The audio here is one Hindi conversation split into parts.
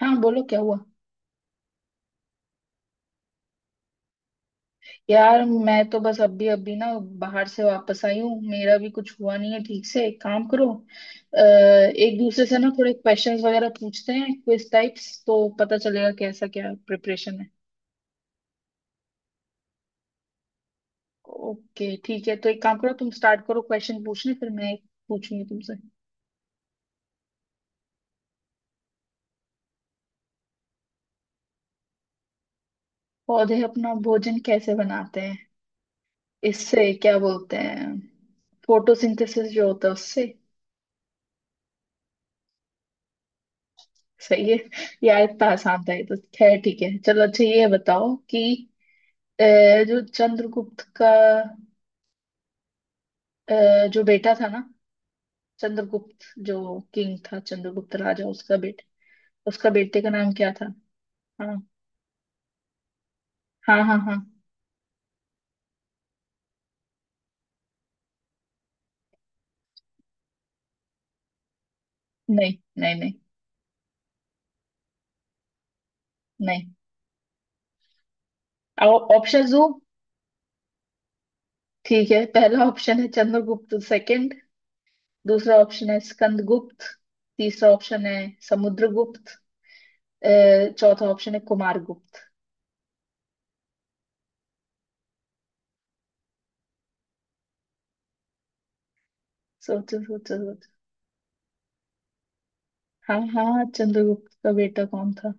हाँ, बोलो क्या हुआ। यार मैं तो बस अभी अभी ना बाहर से वापस आई हूँ। मेरा भी कुछ हुआ नहीं है ठीक से। एक काम करो, एक दूसरे से ना थोड़े क्वेश्चंस वगैरह पूछते हैं, क्विज टाइप्स, तो पता चलेगा कैसा क्या प्रिपरेशन है। ओके ठीक है, तो एक काम करो, तुम स्टार्ट करो क्वेश्चन पूछने, फिर मैं एक पूछूंगी तुमसे। पौधे अपना भोजन कैसे बनाते हैं? इससे क्या बोलते हैं? फोटोसिंथेसिस जो होता है उससे। सही है। यार, इतना आसान था ये तो। खैर ठीक है, चलो। अच्छा, ये बताओ कि अ, जो चंद्रगुप्त का जो बेटा था ना, चंद्रगुप्त जो किंग था, चंद्रगुप्त राजा, उसका बेटा, उसका बेटे का नाम क्या था? हाँ, हाँ, हाँ, हाँ। नहीं, नहीं, नहीं, नहीं। ऑप्शन दो। ठीक है। पहला ऑप्शन है चंद्रगुप्त सेकंड, दूसरा ऑप्शन है स्कंदगुप्त, तीसरा ऑप्शन है समुद्रगुप्त, अ, चौथा ऑप्शन है कुमारगुप्त। सोचो, सोचो, सोचो। हाँ हाँ, चंद्रगुप्त का बेटा कौन था?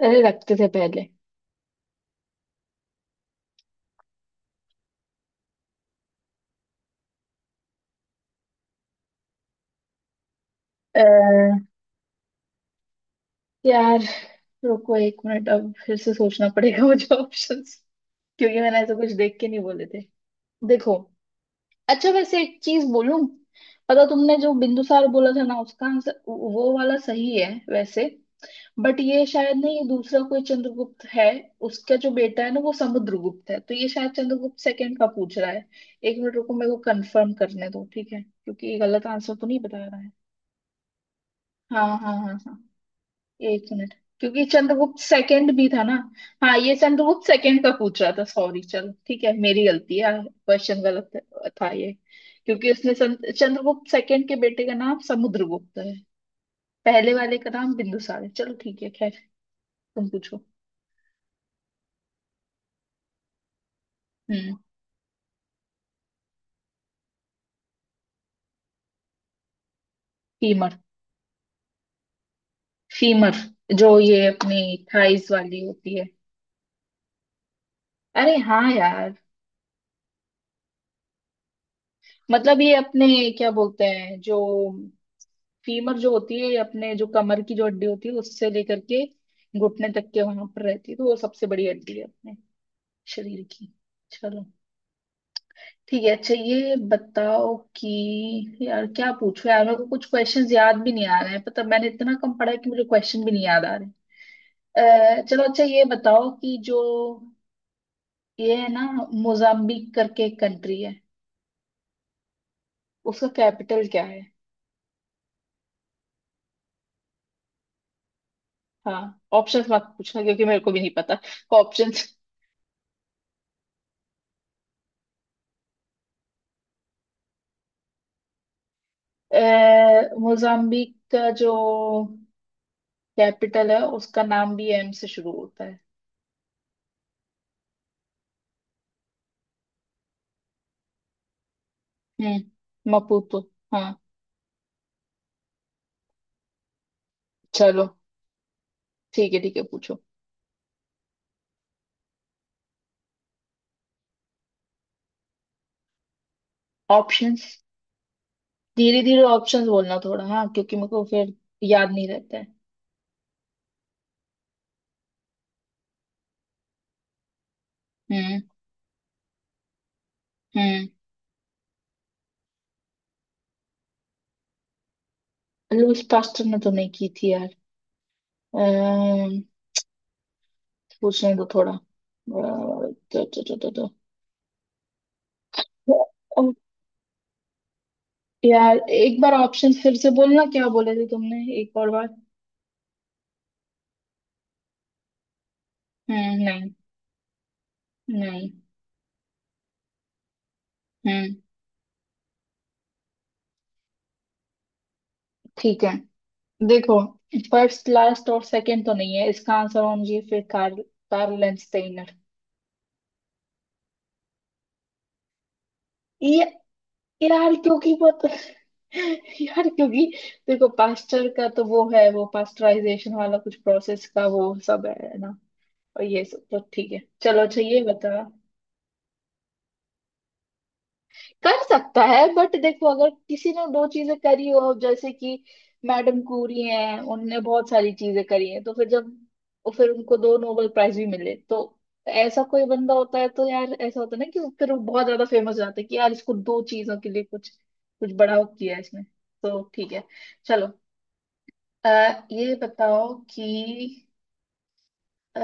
अरे, रखते थे पहले। अ, यार रुको एक मिनट, अब फिर से सोचना पड़ेगा मुझे ऑप्शंस, क्योंकि मैंने ऐसा कुछ देख के नहीं बोले थे। देखो। अच्छा वैसे एक चीज बोलूं, पता, तुमने जो बिंदुसार बोला था ना, उसका आंसर वो वाला सही है वैसे। बट ये शायद नहीं, ये दूसरा कोई चंद्रगुप्त है। उसका जो बेटा है ना वो समुद्रगुप्त है, तो ये शायद चंद्रगुप्त सेकंड का पूछ रहा है। एक मिनट रुको, मेरे को कंफर्म करने दो, ठीक है, क्योंकि ये गलत आंसर तो नहीं बता रहा है। हाँ, हाँ, हाँ, हाँ। एक मिनट, क्योंकि चंद्रगुप्त सेकंड भी था ना। हाँ, ये चंद्रगुप्त सेकंड का पूछ रहा था। सॉरी चलो ठीक है, मेरी गलती है, क्वेश्चन गलत था ये। क्योंकि उसने चंद्रगुप्त सेकंड के बेटे का नाम समुद्रगुप्त है। पहले वाले का नाम बिंदुसार है। चलो ठीक है, खैर। तुम पूछो। हम्म फीमर। फीमर। जो ये अपनी थाइस वाली होती है। अरे हाँ यार। मतलब ये अपने क्या बोलते हैं जो फीमर जो होती है, अपने जो कमर की जो हड्डी होती है उससे लेकर के घुटने तक के वहां पर रहती है, तो वो सबसे बड़ी हड्डी है अपने शरीर की। चलो ठीक है। अच्छा ये बताओ कि यार क्या पूछो यार, मेरे को कुछ क्वेश्चंस याद भी नहीं आ रहे हैं। पता, मैंने इतना कम पढ़ा है कि मुझे क्वेश्चन भी नहीं याद आ रहे हैं। चलो अच्छा, ये बताओ कि जो ये है ना, मोजाम्बिक करके एक कंट्री है, उसका कैपिटल क्या है? हाँ, ऑप्शंस मत पूछना क्योंकि मेरे को भी नहीं पता ऑप्शंस। अ, मोजाम्बिक का जो कैपिटल है उसका नाम भी एम से शुरू होता है। हम्म, मपूतो। हाँ। चलो ठीक है। ठीक है पूछो। ऑप्शंस, धीरे धीरे ऑप्शंस बोलना थोड़ा, हाँ, क्योंकि मेरे को फिर याद नहीं रहता है। हम्म। हम्म। लुईस पास्टर ने तो नहीं की थी यार। अम्म, पूछने दो थोड़ा। तो। अ, यार एक बार ऑप्शन फिर से बोलना, क्या बोले थे तुमने एक और बार? हम्म। नहीं। नहीं। हम्म। ठीक है, देखो, फर्स्ट लास्ट और सेकंड तो नहीं है, इसका आंसर होना चाहिए फिर कार्ल। कार्ल लेंस्टेनर। ये, यार क्योंकि वो तो यार क्योंकि देखो, पास्टर का तो वो है, वो पास्टराइजेशन वाला कुछ प्रोसेस का वो सब है ना। और ये सब तो ठीक है, चलो। अच्छा ये बता, कर सकता है बट देखो, अगर किसी ने दो चीजें करी हो, जैसे कि मैडम क्यूरी हैं, उनने बहुत सारी चीजें करी हैं, तो फिर जब और फिर उनको दो नोबेल प्राइज भी मिले तो ऐसा कोई बंदा होता है, तो यार ऐसा होता है ना कि फिर वो बहुत ज्यादा फेमस हो जाता है कि यार इसको दो चीजों के लिए कुछ कुछ बड़ा किया है इसने। तो ठीक है, चलो। अ, ये बताओ कि अ,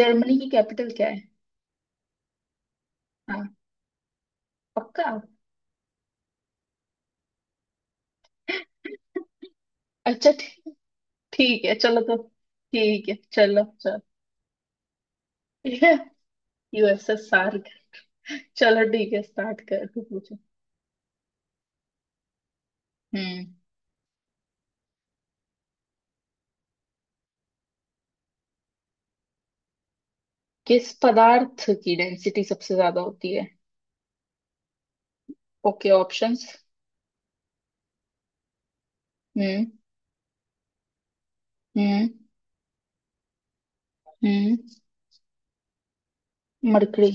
जर्मनी की कैपिटल क्या है? हाँ, पक्का। अच्छा ठीक। ठीक है चलो तो। ठीक है। चलो, चलो यूएसएसआर। चलो ठीक है, स्टार्ट कर, तू पूछो। हम्म। किस पदार्थ की डेंसिटी सबसे ज्यादा होती है? Okay, options. हम्म। हम्म। हम्म। मरकरी।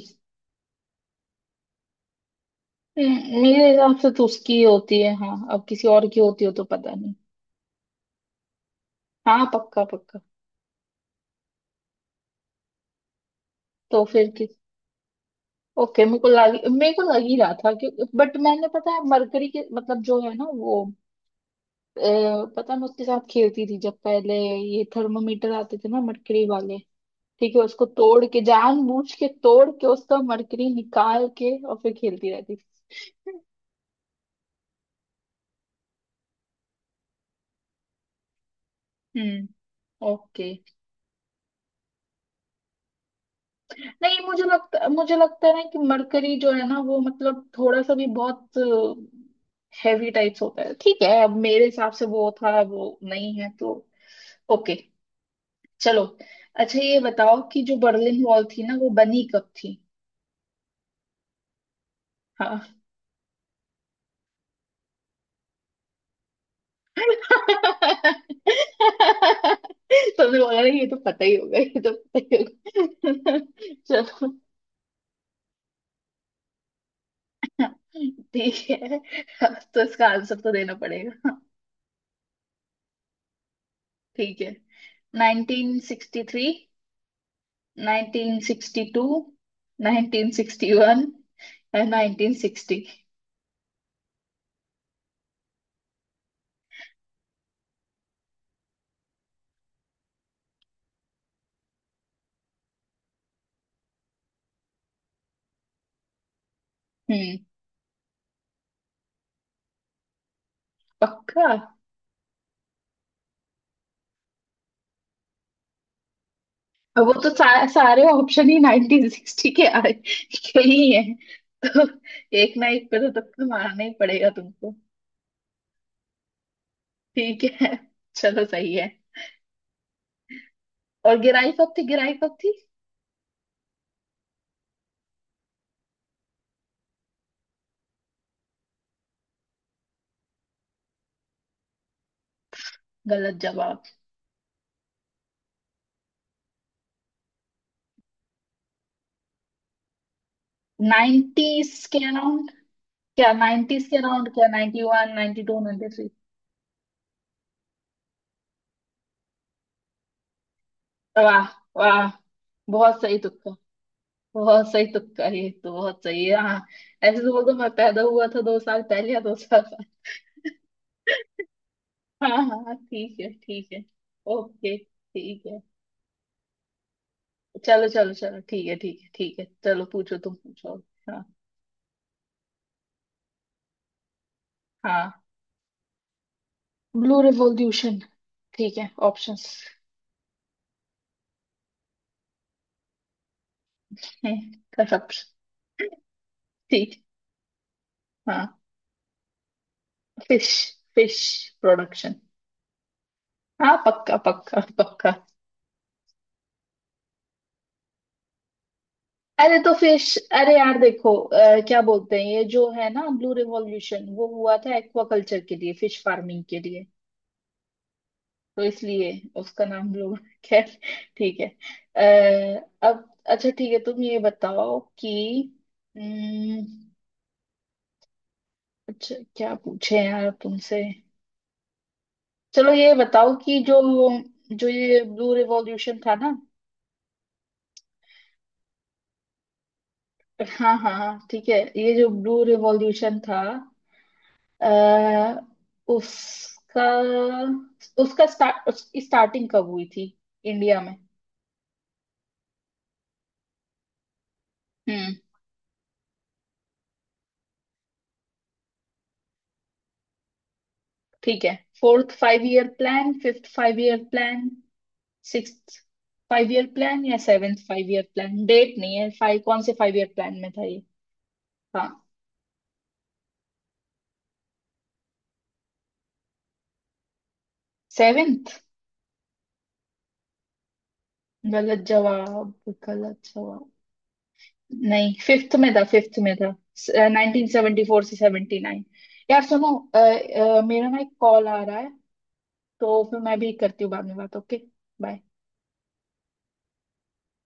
मेरे हिसाब से तो उसकी ही होती है। हाँ, अब किसी और की होती हो तो पता नहीं। हाँ, पक्का पक्का। तो फिर किस? ओके, मेरे को लग ही रहा था कि। बट मैंने पता है मरकरी के मतलब जो है ना वो। अ, पता है मैं उसके साथ खेलती थी जब पहले ये थर्मोमीटर आते थे ना, मरकरी वाले। ठीक है, उसको तोड़ के, जानबूझ के तोड़ के उसका मरकरी निकाल के, और फिर खेलती रहती थी। हम्म। ओके। नहीं, मुझे लगता है ना कि मरकरी जो है ना वो मतलब थोड़ा सा भी बहुत हैवी टाइप्स होता है। ठीक है, अब मेरे हिसाब से वो था, वो नहीं है तो। ओके, चलो। अच्छा ये बताओ कि जो बर्लिन वॉल थी ना वो बनी कब थी? हाँ। तुमने बोला ना, ये तो पता ही होगा, ये तो पता ही होगा चलो ठीक है, अब तो इसका आंसर तो देना पड़ेगा। ठीक है, 1963, 1962, 1961 और 1960। हम्म। पक्का। अब वो तो सारे ऑप्शन ही 1960 के आए के ही है, तो एक ना एक पे तो तुक्का मारना ही पड़ेगा तुमको। ठीक है चलो सही है। और गिराई कब थी, गिराई कब थी? गलत जवाब। 90s के अराउंड? क्या 90s के अराउंड? क्या 91, 92, 93? वाह, वाह। बहुत सही तुक्का। बहुत सही तुक्का, ये तो बहुत सही है, हाँ। ऐसे तो बोल दो, मैं पैदा हुआ था दो साल पहले या दो साल बाद। हाँ, हाँ, हाँ, ठीक है, ठीक है। ओके ठीक है। चलो, चलो, चलो, ठीक है, ठीक है, ठीक है। चलो पूछो, तुम पूछो। हाँ, हाँ, ब्लू रिवॉल्यूशन। ठीक है, ऑप्शंस। है, कसब। ठीक, हाँ। फिश। Fish production. हाँ, पक्का, पक्का, पक्का। अरे तो फिश। अरे यार देखो, क्या बोलते हैं, ये जो है ना ब्लू रिवॉल्यूशन वो हुआ था एक्वाकल्चर के लिए, फिश फार्मिंग के लिए। तो इसलिए उसका नाम ब्लू। खैर, ठीक है। अब अच्छा ठीक है, तुम ये बताओ कि अम्म, अच्छा क्या पूछे यार तुमसे। चलो ये बताओ कि जो जो ये ब्लू रिवॉल्यूशन था ना। हाँ, हाँ, हाँ, ठीक है, ये जो ब्लू रिवॉल्यूशन था आ, उसका उसका स्टार्ट उसकी स्टार्टिंग कब हुई थी इंडिया में? हम्म। ठीक है, fourth five year plan, fifth five year plan, sixth five year plan या seventh five year plan? Date नहीं है, फाइव कौन से फाइव ईयर प्लान में था ये? हाँ, सेवेंथ। गलत जवाब। गलत जवाब। नहीं, फिफ्थ में था, फिफ्थ में था, 1974 से 79। यार सुनो, मेरा ना एक कॉल आ रहा है, तो फिर मैं भी करती हूँ बाद में बात। ओके। बाय।